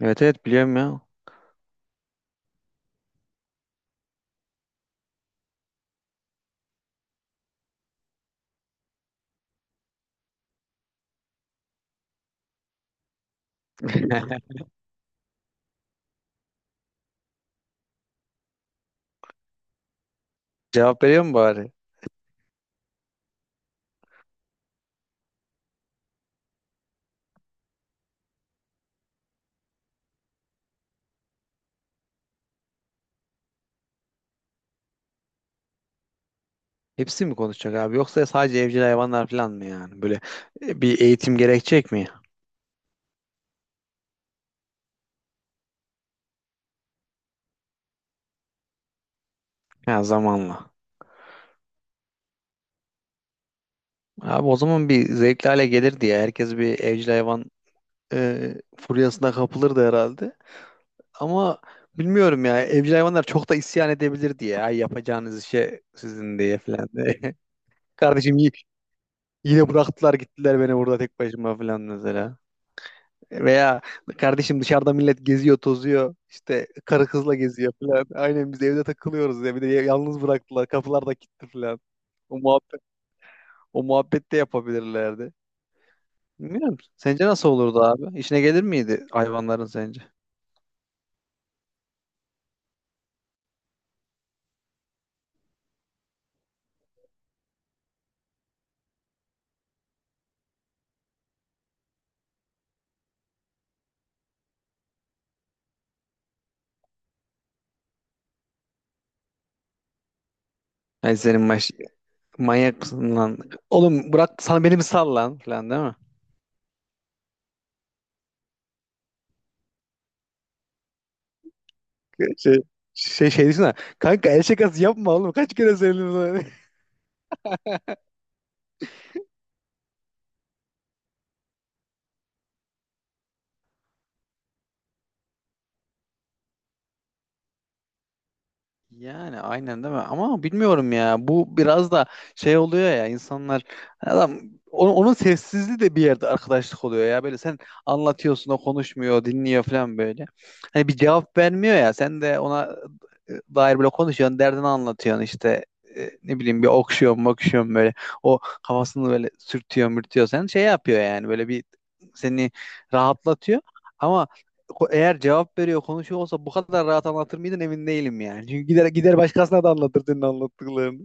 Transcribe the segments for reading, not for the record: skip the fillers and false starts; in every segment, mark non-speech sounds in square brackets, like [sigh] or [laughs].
Evet evet biliyorum ya. [laughs] Cevap veriyor mu bari? Hepsi mi konuşacak abi? Yoksa sadece evcil hayvanlar falan mı yani? Böyle bir eğitim gerekecek mi? Ha, zamanla. Abi o zaman bir zevkli hale gelir diye herkes bir evcil hayvan furyasına kapılırdı herhalde. Ama bilmiyorum ya, evcil hayvanlar çok da isyan edebilir diye. Ay yapacağınız işe sizin diye falan diye. [laughs] Kardeşim yine bıraktılar gittiler beni burada tek başıma falan mesela. Veya kardeşim, dışarıda millet geziyor, tozuyor. İşte karı kızla geziyor falan. Aynen biz evde takılıyoruz ya. Bir de yalnız bıraktılar. Kapılar da kilitli falan. O muhabbet, o muhabbet de yapabilirlerdi. Bilmiyorum. Sence nasıl olurdu abi? İşine gelir miydi hayvanların sence? Yani senin maş manyak mısın lan? Oğlum, bırak sana beni mi sal lan falan, değil mi? Şey, şey düşünsene. Kanka, el şakası yapma oğlum. Kaç kere söyledim sana. [laughs] Yani aynen değil mi? Ama bilmiyorum ya. Bu biraz da şey oluyor ya, insanlar adam onun sessizliği de bir yerde arkadaşlık oluyor ya. Böyle sen anlatıyorsun, o konuşmuyor, dinliyor falan böyle. Hani bir cevap vermiyor ya. Sen de ona dair böyle konuşuyorsun, derdini anlatıyorsun işte. Ne bileyim, bir okşuyorsun, bakışıyorsun böyle. O kafasını böyle sürtüyor, mürtüyor. Sen şey yapıyor yani, böyle bir seni rahatlatıyor. Ama eğer cevap veriyor, konuşuyor olsa bu kadar rahat anlatır mıydın emin değilim yani. Çünkü gider gider başkasına da anlatırdın anlattıklarını.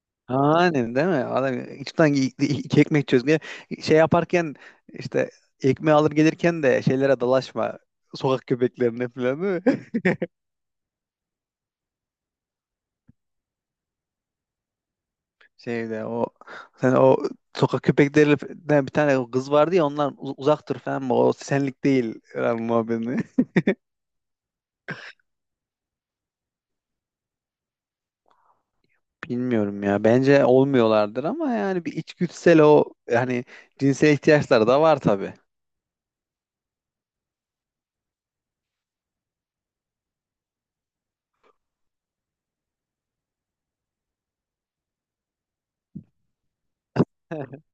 [laughs] Aynen değil mi? Adam içten iki ekmek çözmeye şey yaparken işte ekmeği alır gelirken de şeylere dalaşma. Sokak köpeklerine falan, değil mi? [laughs] Şeyde o sen o sokak köpeklerinden bir tane kız vardı ya, ondan uzak dur falan, o senlik değil falan muhabbetini. Bilmiyorum ya. Bence olmuyorlardır ama yani bir içgüdüsel, o hani cinsel ihtiyaçları da var tabii. [laughs]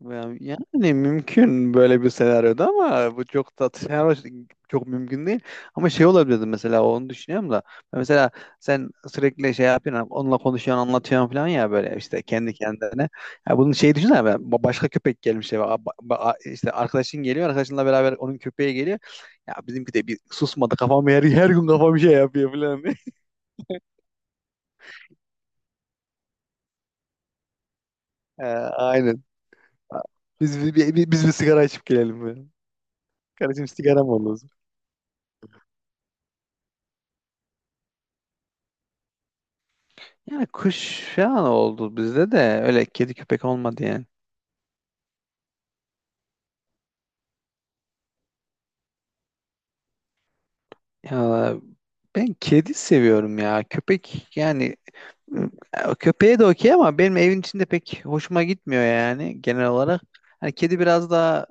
Yani yani mümkün böyle bir senaryoda ama bu çok da senaryo [laughs] çok mümkün değil. Ama şey olabilirdi mesela, onu düşünüyorum da. Mesela sen sürekli şey yapıyorsun, onunla konuşuyorsun, anlatıyorsun falan ya, böyle işte kendi kendine. Ya bunun şey düşünsene, ben başka köpek gelmiş eve. İşte arkadaşın geliyor, arkadaşınla beraber onun köpeği geliyor. Ya bizimki de bir susmadı kafam, her gün kafam şey yapıyor falan. [laughs] Aynen. Biz biz bir sigara içip gelelim böyle. Kardeşim sigara mı olur? Yani kuş falan oldu bizde de, öyle kedi köpek olmadı yani. Ya ben kedi seviyorum ya. Köpek yani. Ya, köpeğe de okey ama benim evin içinde pek hoşuma gitmiyor yani genel olarak. Hani kedi biraz daha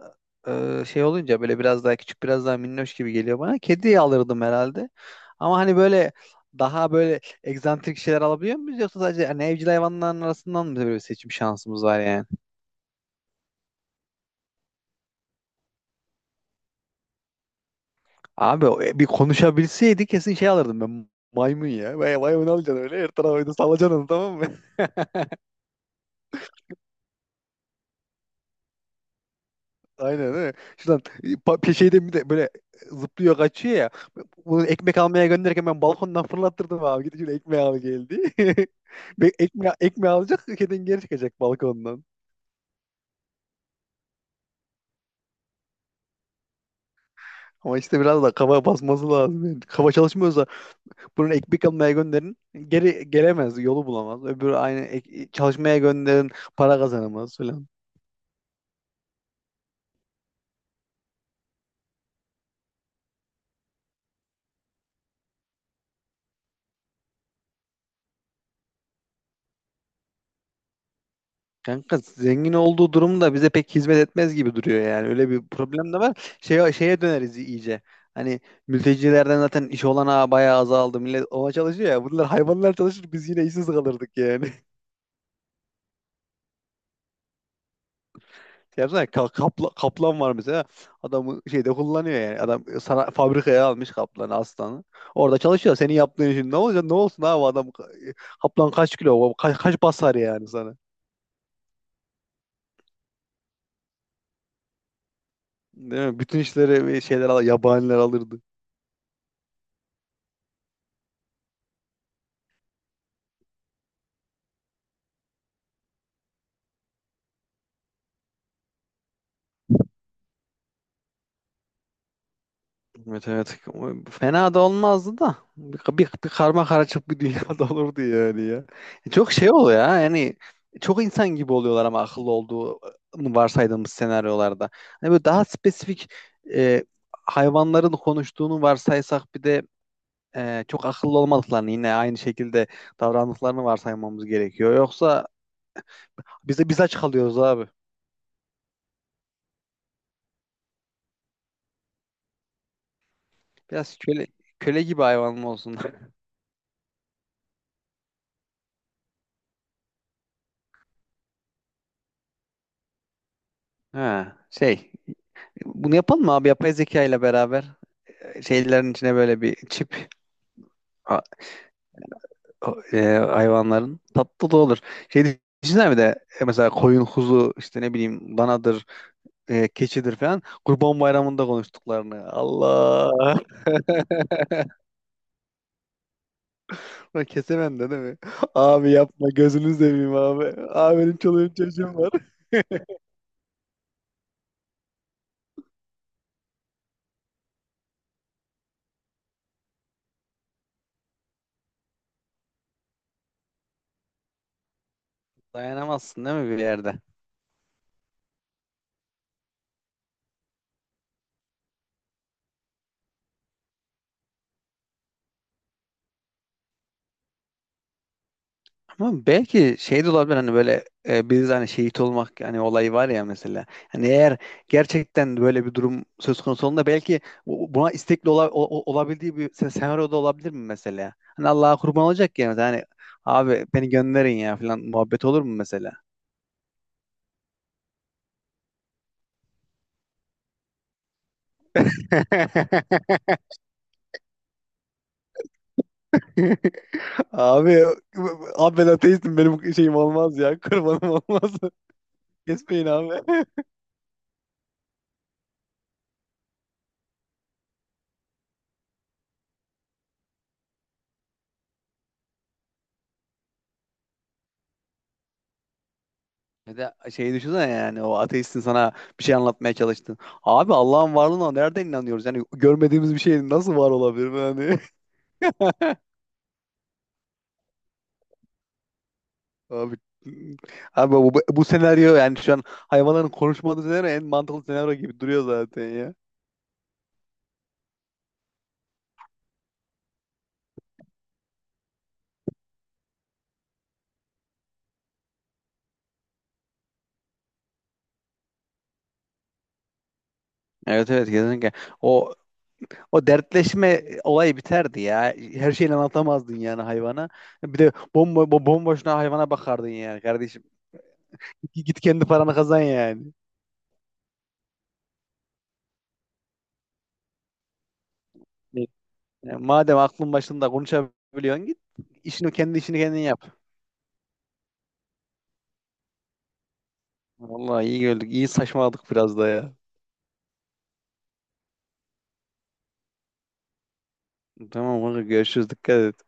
şey olunca böyle biraz daha küçük, biraz daha minnoş gibi geliyor bana. Kediyi alırdım herhalde. Ama hani böyle daha böyle egzantrik şeyler alabiliyor muyuz, yoksa sadece hani evcil hayvanların arasından mı böyle bir seçim şansımız var yani? Abi bir konuşabilseydi kesin şey alırdım ben, maymun ya. Vay, maymun alacaksın, öyle her tarafa oyunu salacaksın onu, tamam mı? Aynen öyle. Şuradan şeyden bir de böyle zıplıyor kaçıyor ya. Bunu ekmek almaya gönderirken ben balkondan fırlattırdım abi. Gidip şöyle ekmeği al geldi. [laughs] Ekmeği, ekmeği alacak kedin, geri çıkacak balkondan. Ama işte biraz da kafa basması lazım. Yani. Kafa çalışmıyorsa bunu ekmek almaya gönderin. Geri gelemez, yolu bulamaz. Öbürü aynı çalışmaya gönderin, para kazanamaz falan. Kanka zengin olduğu durumda bize pek hizmet etmez gibi duruyor yani. Öyle bir problem de var. Şeye döneriz iyice. Hani mültecilerden zaten iş olanağı bayağı azaldı. Millet ova çalışıyor ya. Bunlar hayvanlar çalışır, biz yine işsiz kalırdık yani. [laughs] Yapsana, kaplan var mesela. Adamı şeyde kullanıyor yani. Adam sana fabrikaya almış kaplanı, aslanı. Orada çalışıyor. Senin yaptığın işin ne olacak? Ne olsun abi, adam kaplan kaç kilo? Kaç basar yani sana? Değil mi? Bütün işleri yabaniler alırdı. Evet evet. Fena da olmazdı da. Bir karma karışık bir dünyada [laughs] olurdu yani ya. E, çok şey oluyor ya. Yani çok insan gibi oluyorlar ama akıllı olduğunu varsaydığımız senaryolarda. Hani böyle daha spesifik e, hayvanların konuştuğunu varsaysak bir de çok akıllı olmadıklarını yine aynı şekilde davrandıklarını varsaymamız gerekiyor. Yoksa biz aç kalıyoruz abi. Biraz köle gibi hayvan mı olsun. [laughs] Ha, şey. Bunu yapalım mı abi yapay zeka ile beraber? Şeylerin içine böyle bir çip a- hayvanların, tatlı da olur. Şey düşünsene bir de, mesela koyun kuzu işte ne bileyim danadır, keçidir falan Kurban Bayramı'nda konuştuklarını. Allah! [laughs] Ulan, kesemem de değil mi? Abi yapma gözünü seveyim abi. Abi benim çoluğum çocuğum var. [laughs] Dayanamazsın değil mi bir yerde? Ama belki şey de olabilir, hani böyle biz hani şehit olmak yani olayı var ya mesela. Hani eğer gerçekten böyle bir durum söz konusu olduğunda belki buna istekli ola- o- o- olabildiği bir senaryo da olabilir mi mesela? Hani Allah'a kurban olacak ya mesela, hani abi beni gönderin ya falan muhabbet olur mu mesela? [laughs] Abi Abi ben ateistim, benim şeyim olmaz ya, kurbanım olmaz. [laughs] Kesmeyin abi. Bir de şeyi düşünsene yani, o ateistin sana bir şey anlatmaya çalıştın. Abi Allah'ın varlığına nereden inanıyoruz? Yani görmediğimiz bir şeyin nasıl var olabilir yani? [laughs] Abi Abi bu senaryo yani şu an hayvanların konuşmadığı senaryo en mantıklı senaryo gibi duruyor zaten ya. Evet evet kesinlikle. O O dertleşme olayı biterdi ya. Her şeyini anlatamazdın yani hayvana. Bir de bomba bomboşuna hayvana bakardın yani kardeşim. Git kendi paranı kazan yani. Yani madem aklın başında konuşabiliyorsun git. Kendi işini kendin yap. Vallahi iyi gördük. İyi saçmaladık biraz da ya. Tamam kanka, görüşürüz. Dikkat et.